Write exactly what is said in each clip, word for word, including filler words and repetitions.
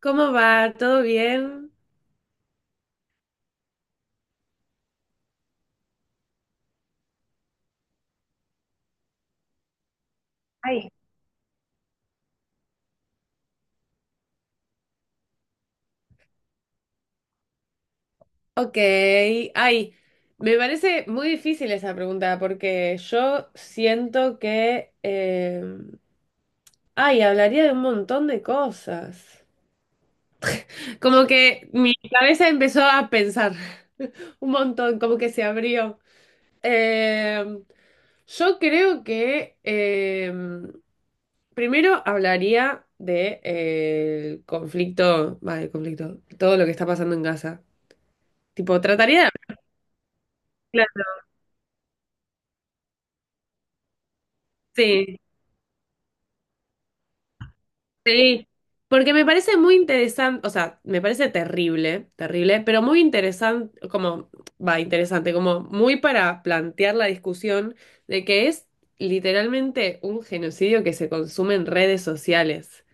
¿Cómo va? ¿Todo bien? Ay, ok. Ay, me parece muy difícil esa pregunta porque yo siento que... eh, ay, hablaría de un montón de cosas. Como que mi cabeza empezó a pensar un montón, como que se abrió. Eh, yo creo que eh, primero hablaría de, eh, el conflicto, va, el conflicto, todo lo que está pasando en Gaza. Tipo, trataría de hablar. Sí, sí, porque me parece muy interesante, o sea, me parece terrible, terrible, pero muy interesante, como, va, interesante, como muy para plantear la discusión de que es literalmente un genocidio que se consume en redes sociales,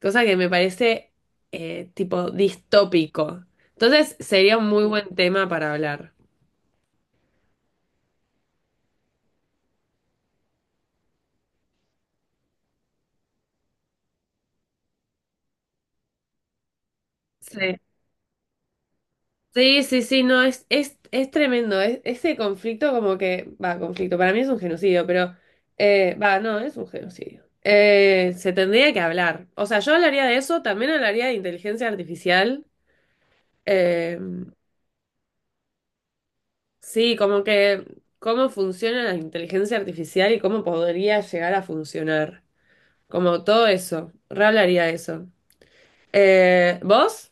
cosa que me parece eh, tipo distópico. Entonces sería un muy buen tema para hablar. Sí. Sí, sí, sí, no, es, es, es tremendo. Es, ese conflicto como que, va, conflicto, para mí es un genocidio, pero, eh, va, no, es un genocidio. Eh, se tendría que hablar. O sea, yo hablaría de eso, también hablaría de inteligencia artificial. Eh, sí, como que cómo funciona la inteligencia artificial y cómo podría llegar a funcionar. Como todo eso, re hablaría de eso. Eh, ¿vos?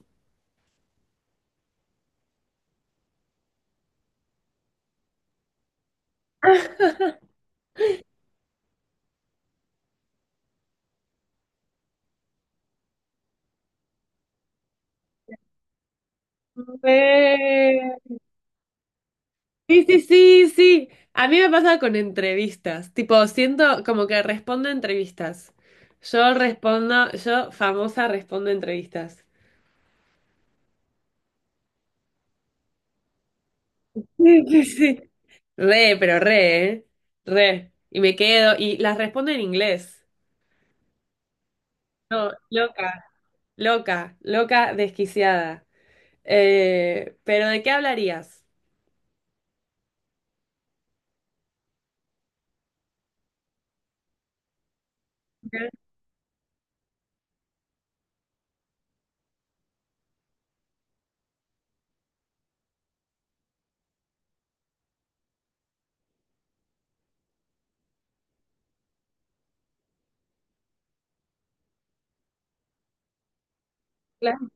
Re. Sí, sí, sí, sí. A mí me pasa con entrevistas. Tipo, siento como que respondo a entrevistas. Yo respondo, yo famosa respondo a entrevistas. Sí, sí, sí. Re, pero re, ¿eh? Re. Y me quedo, y las respondo en inglés. No, loca, loca, loca, desquiciada. Eh, pero ¿de qué hablarías? Sí. Claro.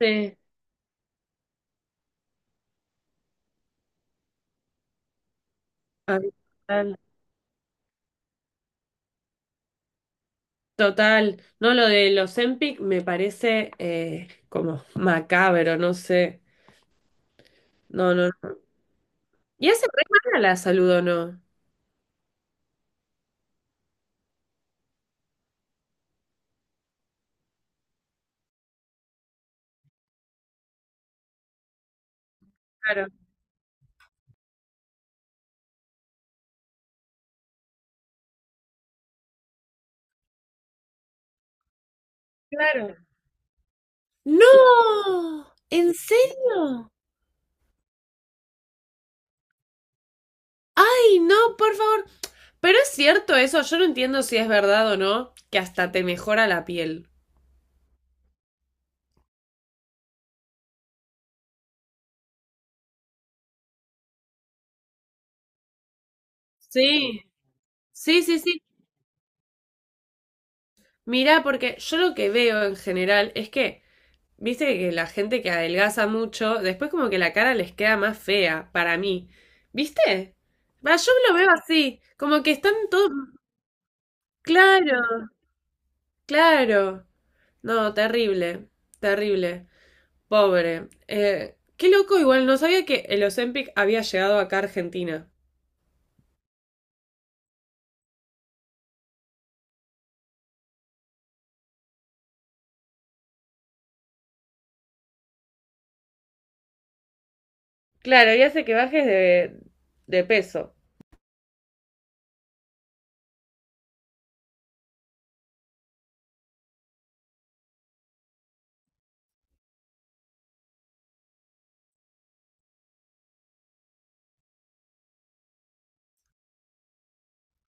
Sí. Ah, total, no, lo de los Empic me parece eh, como macabro, no sé. No, no, no. ¿Y hace re mal a la salud o no? Claro. Claro. ¡No! ¿En serio? ¡Ay, no, por favor! Pero es cierto eso, yo no entiendo si es verdad o no, que hasta te mejora la piel. Sí, sí, sí, sí. Mirá, porque yo lo que veo en general es que viste que la gente que adelgaza mucho, después como que la cara les queda más fea, para mí. ¿Viste? Va, yo lo veo así, como que están todos... Claro, claro. No, terrible, terrible. Pobre. Eh, qué loco, igual no sabía que el Ozempic había llegado acá a Argentina. Claro, y hace que bajes de, de peso.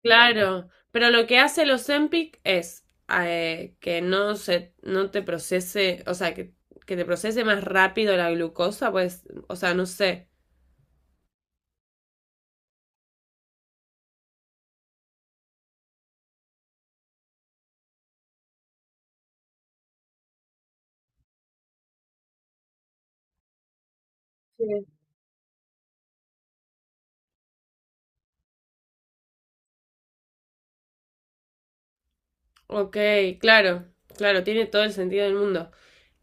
Claro, pero lo que hace el Ozempic es eh, que no se, no te procese, o sea, que, que te procese más rápido la glucosa, pues, o sea, no sé. Sí. Ok, claro, claro, tiene todo el sentido del mundo.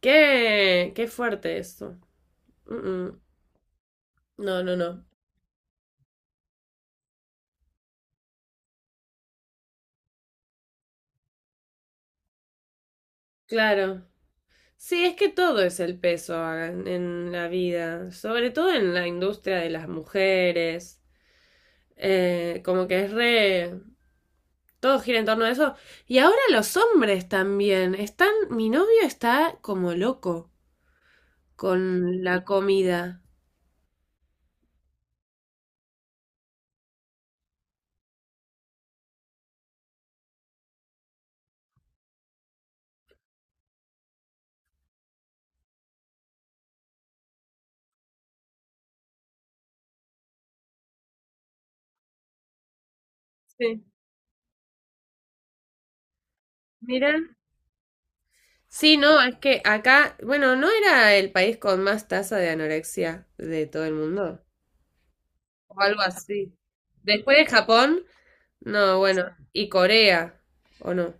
Qué, qué fuerte eso. Mm, mm. No, no, no. Claro. Sí, es que todo es el peso a- en la vida, sobre todo en la industria de las mujeres. Eh, como que es re... Todo gira en torno a eso. Y ahora los hombres también. Están, mi novio está como loco con la comida. Sí, mira. Sí, no, es que acá, bueno, ¿no era el país con más tasa de anorexia de todo el mundo? O algo así. Después de Japón, no, bueno, y Corea, ¿o no?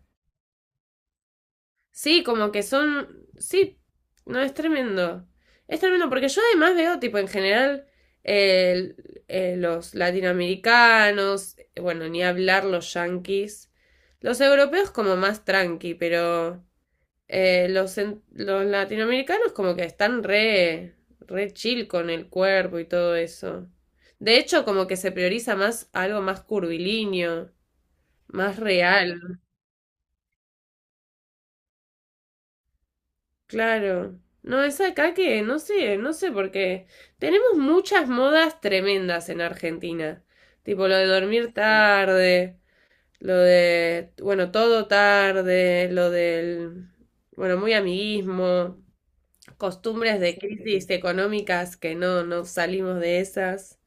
Sí, como que son. Sí, no, es tremendo. Es tremendo, porque yo además veo, tipo, en general, el- eh, los latinoamericanos, bueno, ni hablar los yanquis. Los europeos como más tranqui, pero eh, los, en- los latinoamericanos como que están re, re chill con el cuerpo y todo eso. De hecho, como que se prioriza más algo más curvilíneo, más real. Claro. No, es acá que no sé, no sé por qué. Tenemos muchas modas tremendas en Argentina. Tipo lo de dormir, sí, tarde, lo de, bueno, todo tarde, lo del, bueno, muy amiguismo, costumbres de crisis económicas que no, no salimos de esas.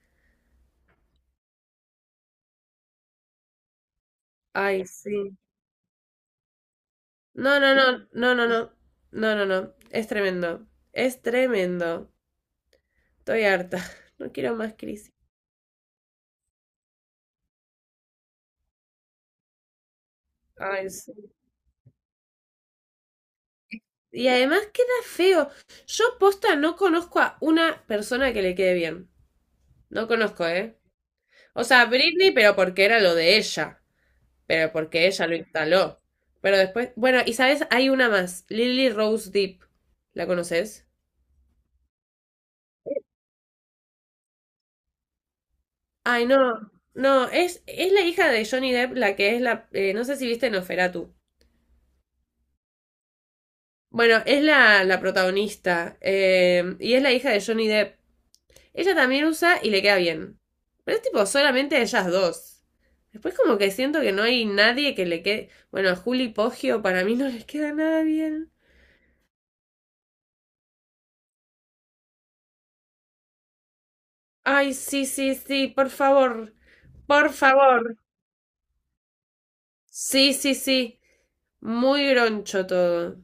Ay, sí. No, no, no, no, no, no. No, no, no. Es tremendo. Es tremendo. Estoy harta. No quiero más crisis. Ay, sí. Y además queda feo. Yo posta no conozco a una persona que le quede bien. No conozco, ¿eh? O sea, Britney, pero porque era lo de ella. Pero porque ella lo instaló. Pero después, bueno, y sabes, hay una más, Lily Rose Depp. ¿La conoces? Ay, no, no, es, es la hija de Johnny Depp, la que es la, eh, no sé si viste Noferatu. Bueno, es la, la protagonista, eh, y es la hija de Johnny Depp. Ella también usa y le queda bien. Pero es tipo solamente ellas dos. Después como que siento que no hay nadie que le quede... Bueno, a Juli Poggio para mí no les queda nada bien. Ay, sí, sí, sí, por favor. Por favor. Sí, sí, sí. Muy groncho todo.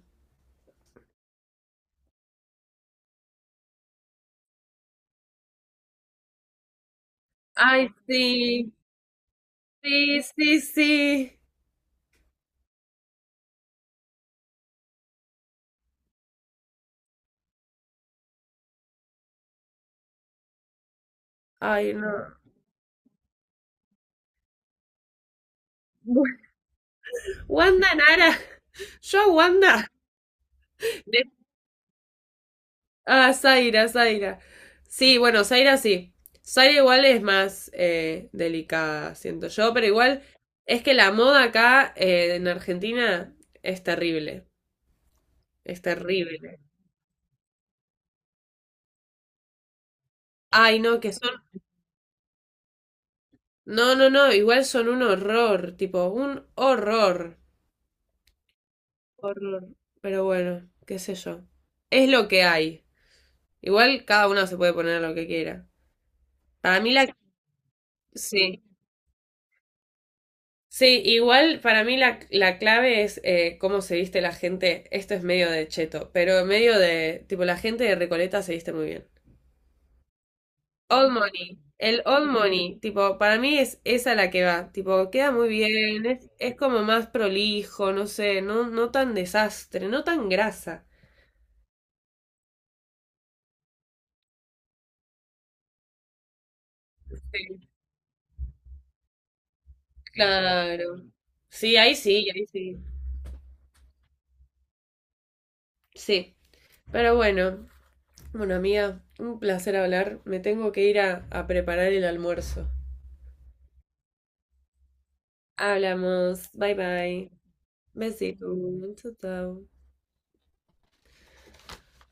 Ay, sí. Sí, sí, sí. Ay, no. Wanda Nara. Yo a Wanda. Ah, Zaira, Zaira. Sí, bueno, Zaira sí. Zaira igual es más eh, delicada, siento yo, pero igual es que la moda acá eh, en Argentina es terrible, es terrible. Ay, no, que son... No, no, no, igual son un horror, tipo, un horror. Horror. Pero bueno, qué sé yo. Es lo que hay. Igual cada uno se puede poner lo que quiera. Para mí la... Sí. Sí, igual para mí la, la clave es eh, cómo se viste la gente. Esto es medio de cheto, pero medio de, tipo, la gente de Recoleta se viste muy bien. Old Money, el Old Money, tipo, para mí es esa la que va, tipo, queda muy bien, es, es como más prolijo, no sé, no, no tan desastre, no tan grasa. Sí, claro. Sí, ahí sí, ahí sí. Sí, pero bueno, bueno, amiga, un placer hablar. Me tengo que ir a, a preparar el almuerzo. Hablamos. Bye bye. Besito. Chao, chao.